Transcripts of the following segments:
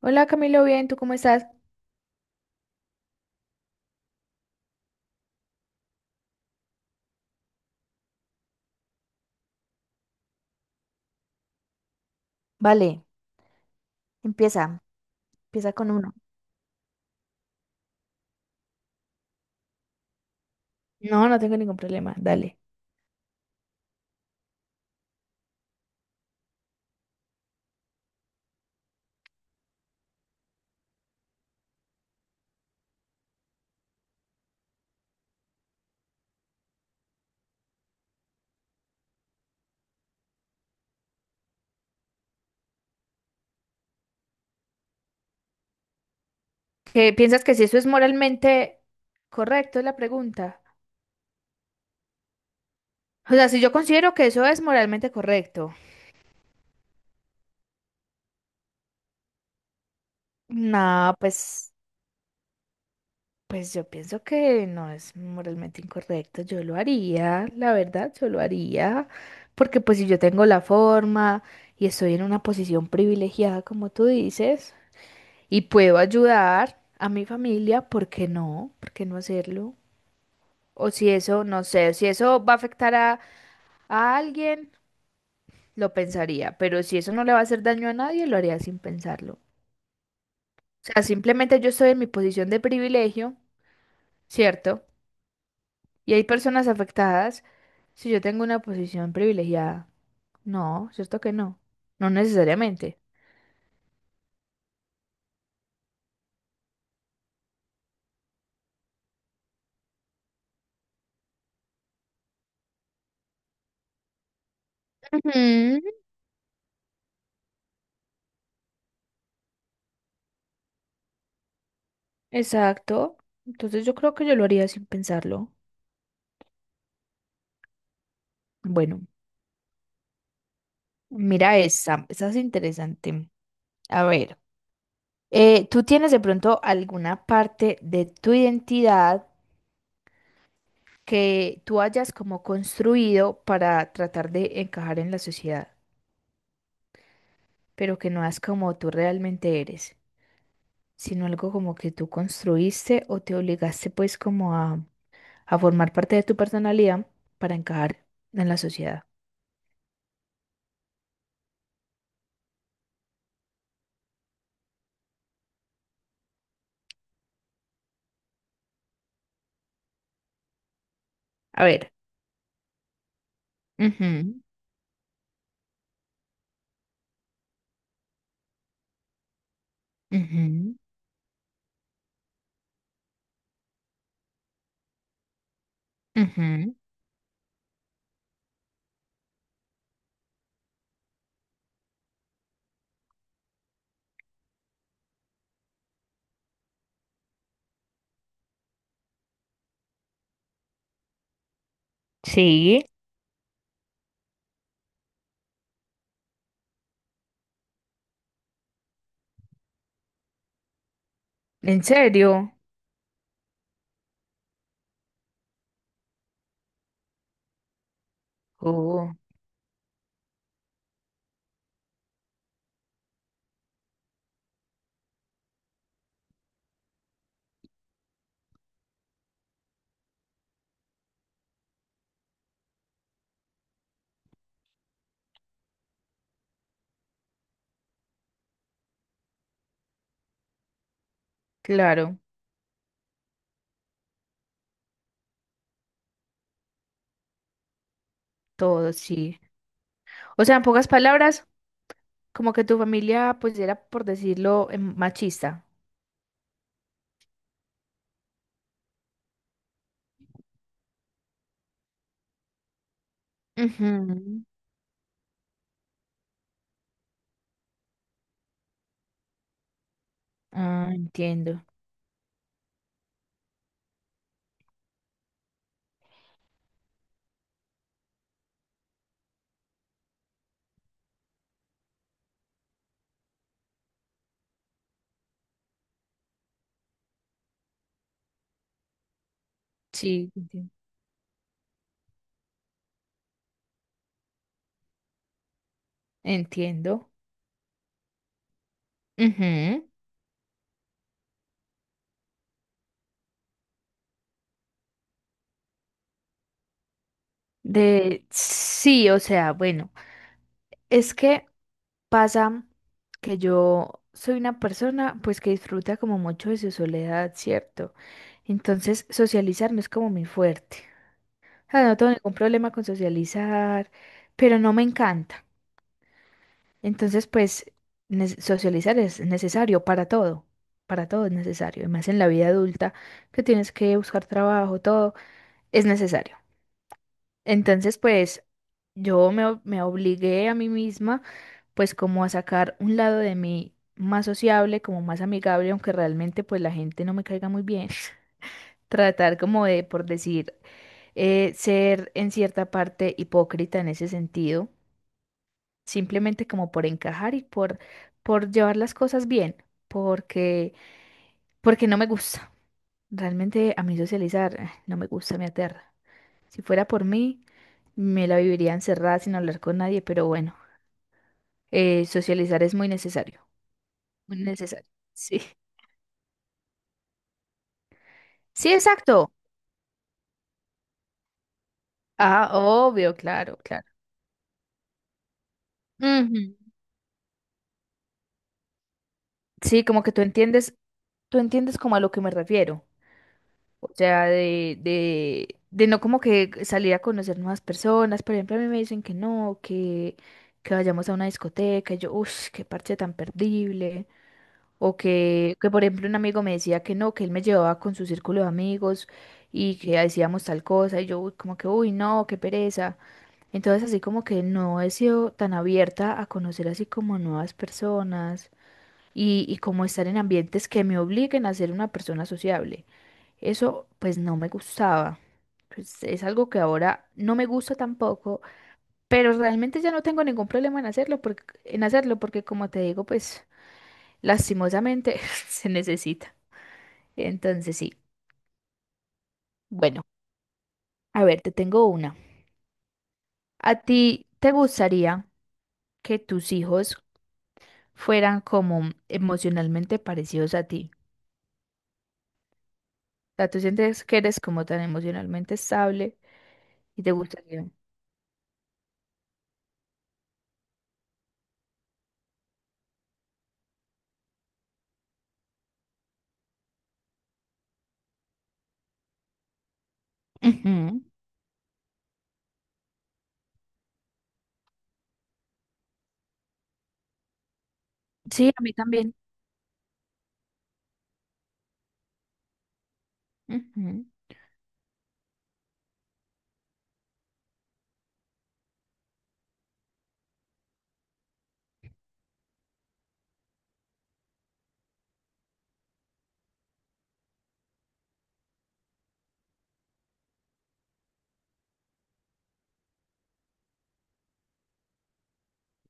Hola Camilo, bien, ¿tú cómo estás? Vale, empieza, empieza con uno. No, no tengo ningún problema, dale. ¿Qué piensas que si eso es moralmente correcto, es la pregunta? O sea, si yo considero que eso es moralmente correcto. No, pues, pues yo pienso que no es moralmente incorrecto. Yo lo haría, la verdad, yo lo haría. Porque pues si yo tengo la forma y estoy en una posición privilegiada, como tú dices. Y puedo ayudar a mi familia, ¿por qué no? ¿Por qué no hacerlo? O si eso, no sé, si eso va a afectar a alguien, lo pensaría, pero si eso no le va a hacer daño a nadie, lo haría sin pensarlo. O sea, simplemente yo estoy en mi posición de privilegio, ¿cierto? Y hay personas afectadas si yo tengo una posición privilegiada. No, ¿cierto que no? No necesariamente. Ujú, exacto. Entonces yo creo que yo lo haría sin pensarlo. Bueno. Mira esa, esa es interesante. A ver, ¿tú tienes de pronto alguna parte de tu identidad que tú hayas como construido para tratar de encajar en la sociedad, pero que no es como tú realmente eres, sino algo como que tú construiste o te obligaste pues como a formar parte de tu personalidad para encajar en la sociedad? A ver. Ujú, ujú, ujú. Sí, ¿en serio? Oh, claro. Todo, sí. O sea, en pocas palabras, como que tu familia, pues era, por decirlo, machista. Ujú. Ah, entiendo. Sí, entiendo. Entiendo. Ujú. De, sí, o sea, bueno, es que pasa que yo soy una persona, pues que disfruta como mucho de su soledad, ¿cierto? Entonces, socializar no es como mi fuerte. O sea, no tengo ningún problema con socializar, pero no me encanta. Entonces, pues, socializar es necesario para todo es necesario, y más en la vida adulta que tienes que buscar trabajo, todo es necesario. Entonces, pues, me obligué a mí misma, pues, como a sacar un lado de mí más sociable, como más amigable, aunque realmente, pues, la gente no me caiga muy bien. Tratar como de, por decir, ser en cierta parte hipócrita en ese sentido simplemente como por encajar y por llevar las cosas bien, porque, porque no me gusta. Realmente a mí socializar no me gusta, me aterra. Si fuera por mí, me la viviría encerrada sin hablar con nadie, pero bueno, socializar es muy necesario, muy necesario. Sí. Sí, exacto. Ah, obvio, claro, claro. Ujú. Sí, como que tú entiendes como a lo que me refiero. O sea, de no como que salir a conocer nuevas personas. Por ejemplo, a mí me dicen que no, que vayamos a una discoteca. Y yo, uff, qué parche tan perdible. O que, por ejemplo, un amigo me decía que no, que él me llevaba con su círculo de amigos y que decíamos tal cosa. Y yo, uy, como que, uy, no, qué pereza. Entonces, así como que no he sido tan abierta a conocer así como nuevas personas y como estar en ambientes que me obliguen a ser una persona sociable. Eso pues no me gustaba. Pues es algo que ahora no me gusta tampoco, pero realmente ya no tengo ningún problema en hacerlo porque como te digo, pues lastimosamente se necesita. Entonces sí. Bueno, a ver, te tengo una. ¿A ti te gustaría que tus hijos fueran como emocionalmente parecidos a ti? O sea, tú sientes que eres como tan emocionalmente estable y te gustaría. Ujú. Sí, a mí también. Ujú.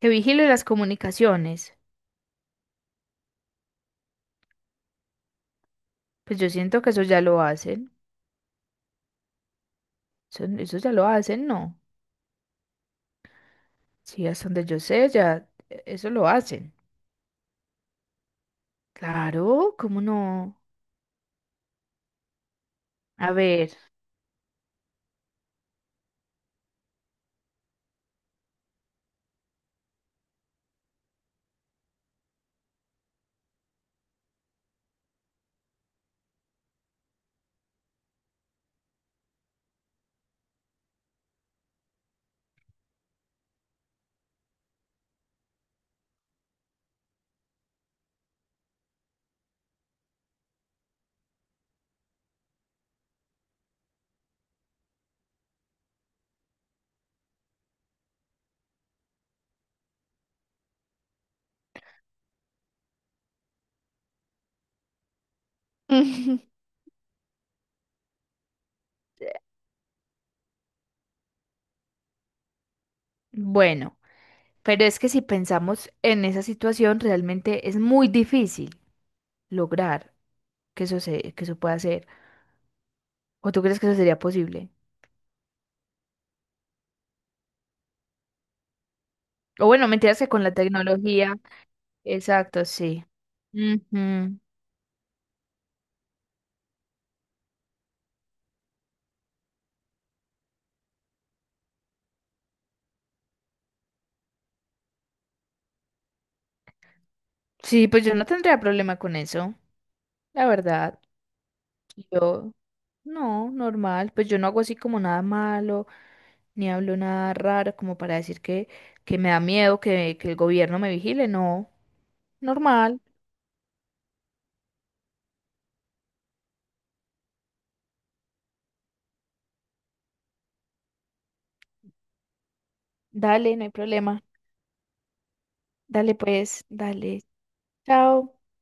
Que vigile las comunicaciones. Pues yo siento que eso ya lo hacen. Eso ya lo hacen, ¿no? Sí, hasta donde yo sé, ya eso lo hacen. Claro, ¿cómo no? A ver. Bueno, pero es que si pensamos en esa situación, realmente es muy difícil lograr que eso se, que eso pueda ser. ¿O tú crees que eso sería posible? O bueno, mentiras que con la tecnología. Exacto, sí. Ujú. Sí, pues yo no tendría problema con eso, la verdad. Yo, no, normal, pues yo no hago así como nada malo, ni hablo nada raro como para decir que me da miedo que el gobierno me vigile, no, normal, dale, no hay problema, dale pues, dale, chao.